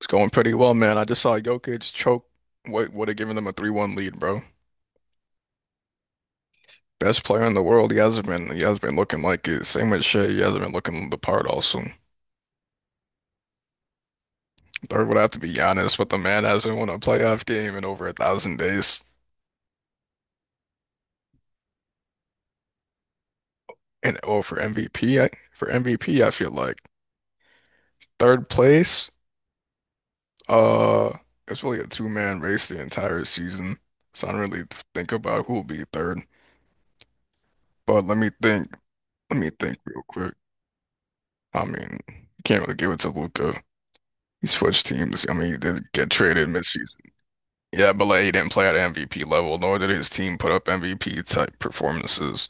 It's going pretty well, man. I just saw Jokic choke what would have given them a 3-1 lead, bro. Best player in the world. He hasn't been looking like it. Same with Shea. He hasn't been looking the part also. Third would have to be Giannis, but the man hasn't won a playoff game in over a thousand days. And oh, for MVP, for MVP, I feel like third place, uh it's really a two-man race the entire season. So I don't really think about who will be third. But let me think. Let me think real quick. I mean, you can't really give it to Luca. He switched teams. I mean, he did get traded midseason. Yeah, but like he didn't play at MVP level, nor did his team put up MVP type performances.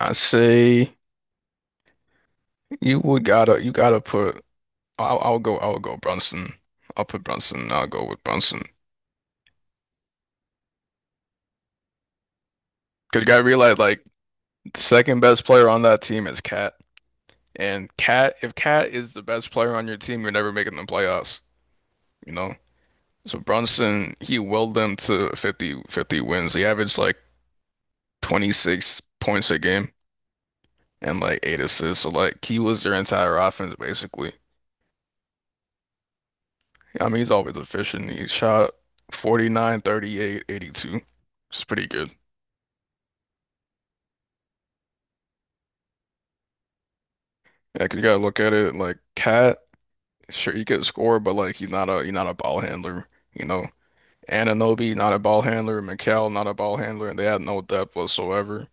I say you would gotta you gotta put. I'll go Brunson. I'll put Brunson. I'll go with Brunson. Cause you gotta realize like the second best player on that team is Cat. And Cat, if Cat is the best player on your team, you're never making the playoffs. You know. So Brunson, he willed them to 50 50 wins. He averaged like 26 points a game and like eight assists. So like he was their entire offense basically. I mean, he's always efficient. He shot 49, 38, 82. It's pretty good. Yeah, 'cause you gotta look at it like Cat, sure he could score, but like he's not a ball handler, you know. Anunoby, not a ball handler, Mikal, not a ball handler, and they had no depth whatsoever.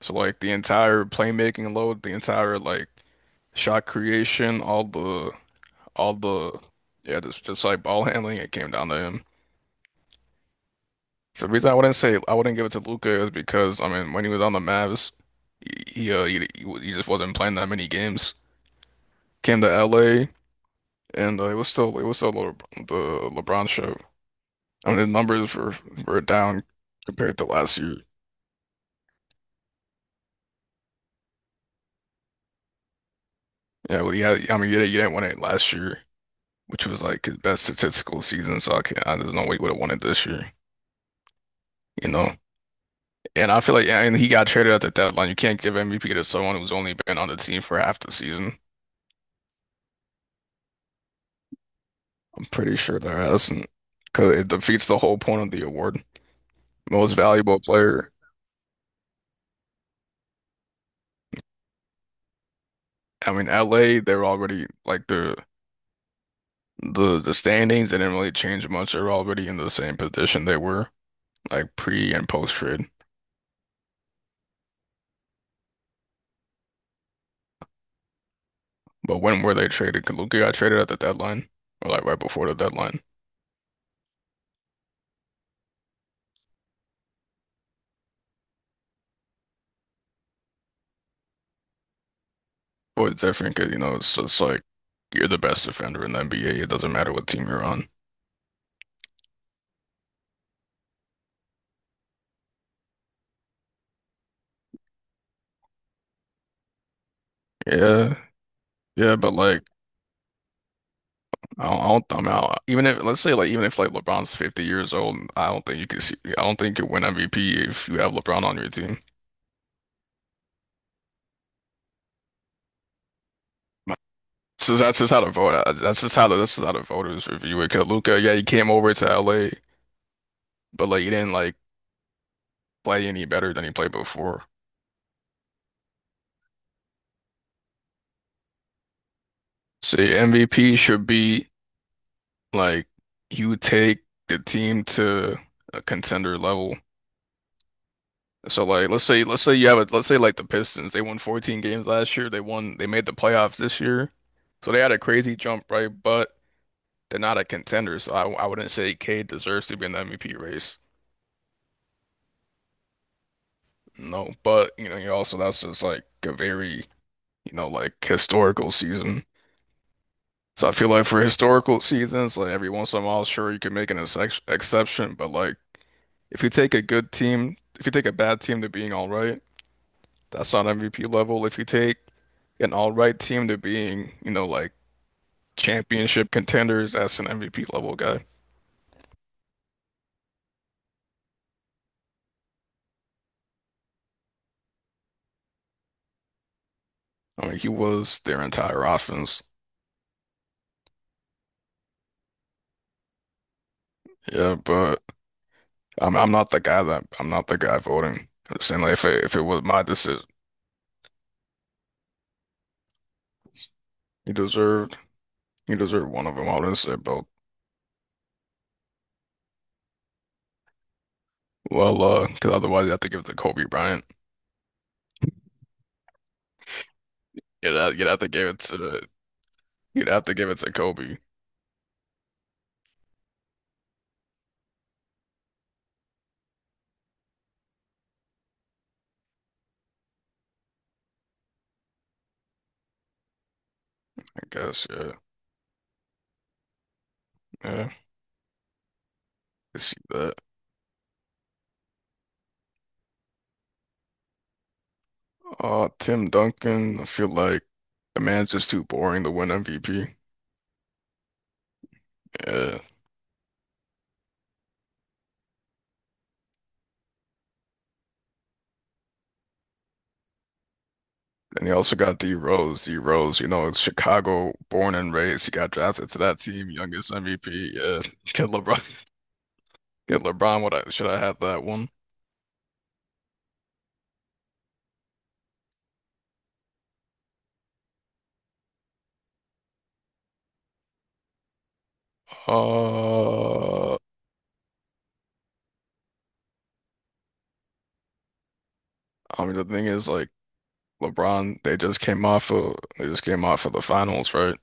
So like the entire playmaking load, the entire like shot creation, all the yeah, just like ball handling, it came down to him. So the reason I wouldn't say I wouldn't give it to Luca is because I mean when he was on the Mavs, he just wasn't playing that many games. Came to LA and it was still Le the LeBron show. I mean the numbers were down compared to last year. Yeah. I mean you didn't win it last year, which was like his best statistical season. So I can't, I, there's no way he would have won it this year. You know, and I feel like and he got traded at the deadline. You can't give MVP to someone who's only been on the team for half the season. I'm pretty sure there hasn't, because it defeats the whole point of the award. Most valuable player. I mean, LA, they're already like the standings. They didn't really change much. They're already in the same position they were like pre and post trade. But when were they traded? 'Cause Luka got traded at the deadline, or like right before the deadline. Well, it's different because you know it's just like you're the best defender in the NBA. It doesn't matter what team you're on. Yeah, yeah, but like I don't, I don't, I mean, I, even if let's say like even if like LeBron's 50 years old, I don't think you win MVP if you have LeBron on your team. So that's just how the vote. That's just how the this is how the voters review it. 'Cause Luka, yeah, he came over to LA, but like he didn't like play any better than he played before. So yeah, MVP should be. Like you take the team to a contender level. So like let's say you have a let's say like the Pistons. They won 14 games last year. They made the playoffs this year. So they had a crazy jump, right? But they're not a contender. So I wouldn't say Cade deserves to be in the MVP race. No, but you know, you also that's just like a very, you know, like historical season. So I feel like for historical seasons, like every once in a while, sure you can make an ex exception, but like if you take a good team, if you take a bad team to being all right, that's not MVP level. If you take an all right team to being, you know, like championship contenders, that's an MVP level guy. I mean, he was their entire offense. Yeah, but I'm not the guy voting. I'm just saying like if it was my decision, he deserved he deserved one of them. I wouldn't say both. Because otherwise you have to give it to Kobe Bryant. You'd have, you'd have to give it to You'd have to give it to Kobe, I guess. Yeah, yeah, I can see that. Tim Duncan, I feel like the man's just too boring to win MVP. Yeah, and you also got D Rose. D Rose, you know, Chicago, born and raised. He got drafted to that team, youngest MVP. Yeah, get LeBron. Get LeBron. What I should I have that one? Uh, I mean, the thing is, like LeBron, they just came off of the finals, right?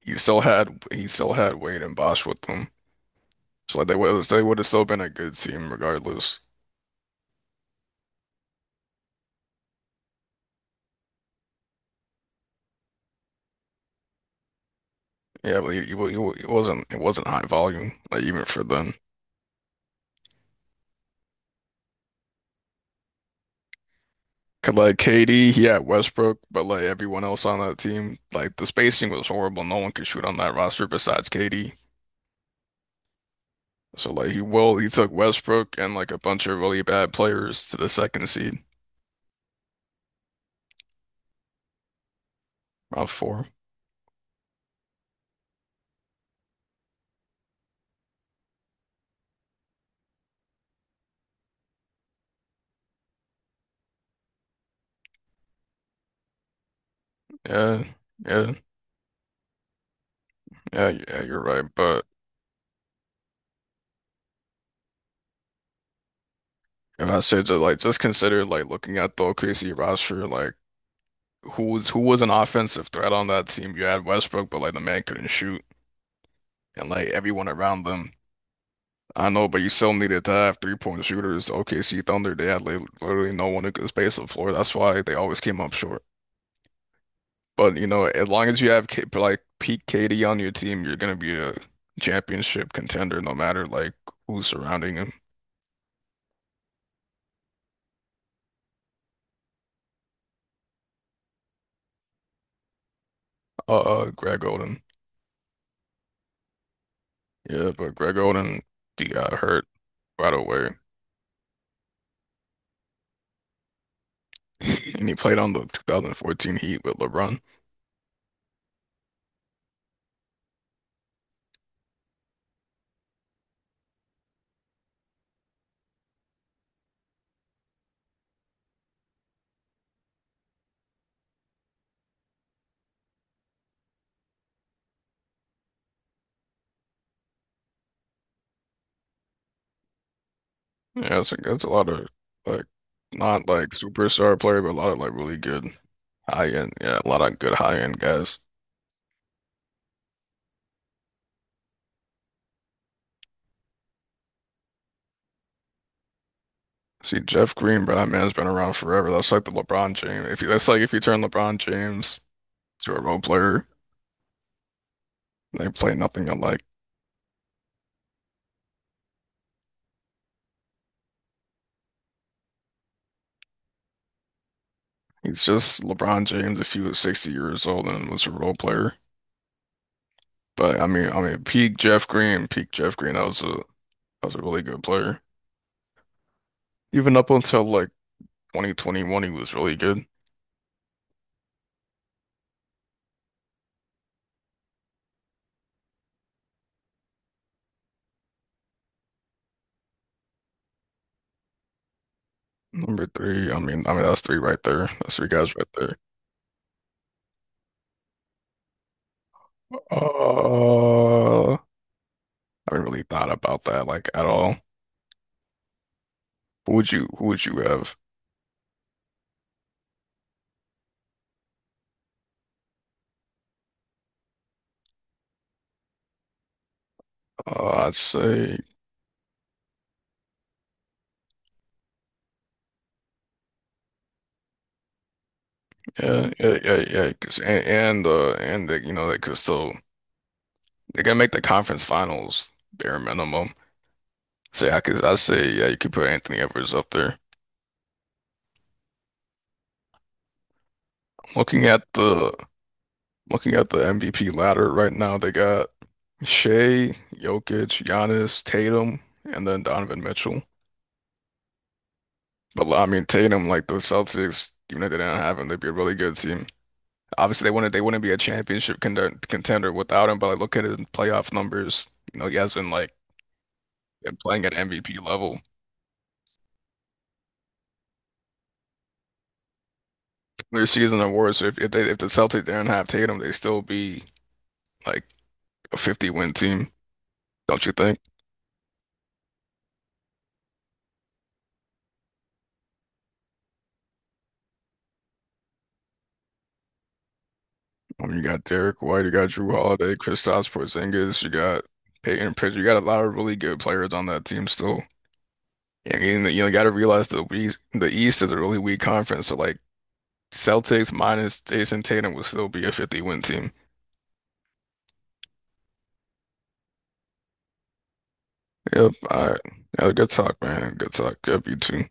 He still had Wade and Bosch with them, so like they would so they would have still been a good team regardless. Yeah, but he wa- it wasn't high volume like even for them. 'Cause like KD, he had Westbrook, but like everyone else on that team, like the spacing was horrible. No one could shoot on that roster besides KD. So like he took Westbrook and like a bunch of really bad players to the second seed, round four. Yeah, yeah, yeah. You're right, but. If I said just like just consider like looking at the OKC roster, like who was an offensive threat on that team. You had Westbrook, but like the man couldn't shoot, and like everyone around them. I know, but you still needed to have 3-point shooters. OKC Thunder, they had literally no one who could space the floor. That's why they always came up short. But you know, as long as you have K like peak KD on your team, you're gonna be a championship contender, no matter like who's surrounding him. Greg Oden, yeah, but Greg Oden, he got hurt right away, and he played on the 2014 Heat with LeBron. Yeah, that's a lot of like not like superstar player, but a lot of like really good high end. Yeah, a lot of good high end guys. See, Jeff Green, bro, that man's been around forever. That's like the LeBron James. If you, that's like if you turn LeBron James to a role player, they play nothing alike. He's just LeBron James if he was 60 years old and was a role player. But I mean, peak Jeff Green, that was a really good player. Even up until like 2021, he was really good. Number three. I mean that's three right there. That's three guys right there. I haven't really thought about that like at all. Who would you have? I'd say yeah. And and you know they could still they can make the conference finals bare minimum. Say I could I say yeah you could put Anthony Edwards up there. Looking at the Looking at the MVP ladder right now, they got Shea, Jokic, Giannis, Tatum, and then Donovan Mitchell. But I mean, Tatum, like those Celtics, even if they didn't have him, they'd be a really good team. Obviously, they wouldn't be a championship contender without him. But like, look at his playoff numbers. You know, he has been like been playing at MVP level. Their season awards. So if the Celtics didn't have Tatum, they'd still be like a 50 win team, don't you think? I mean, you got Derek White, you got Drew Holiday, Kristaps Porzingis, you got Peyton Pritchard. You got a lot of really good players on that team still. And you know, you got to realize the East is a really weak conference. So like Celtics minus Jason Tatum will still be a 50 win team. Yep. All right. Yeah, good talk, man. Good talk. Yep, you too.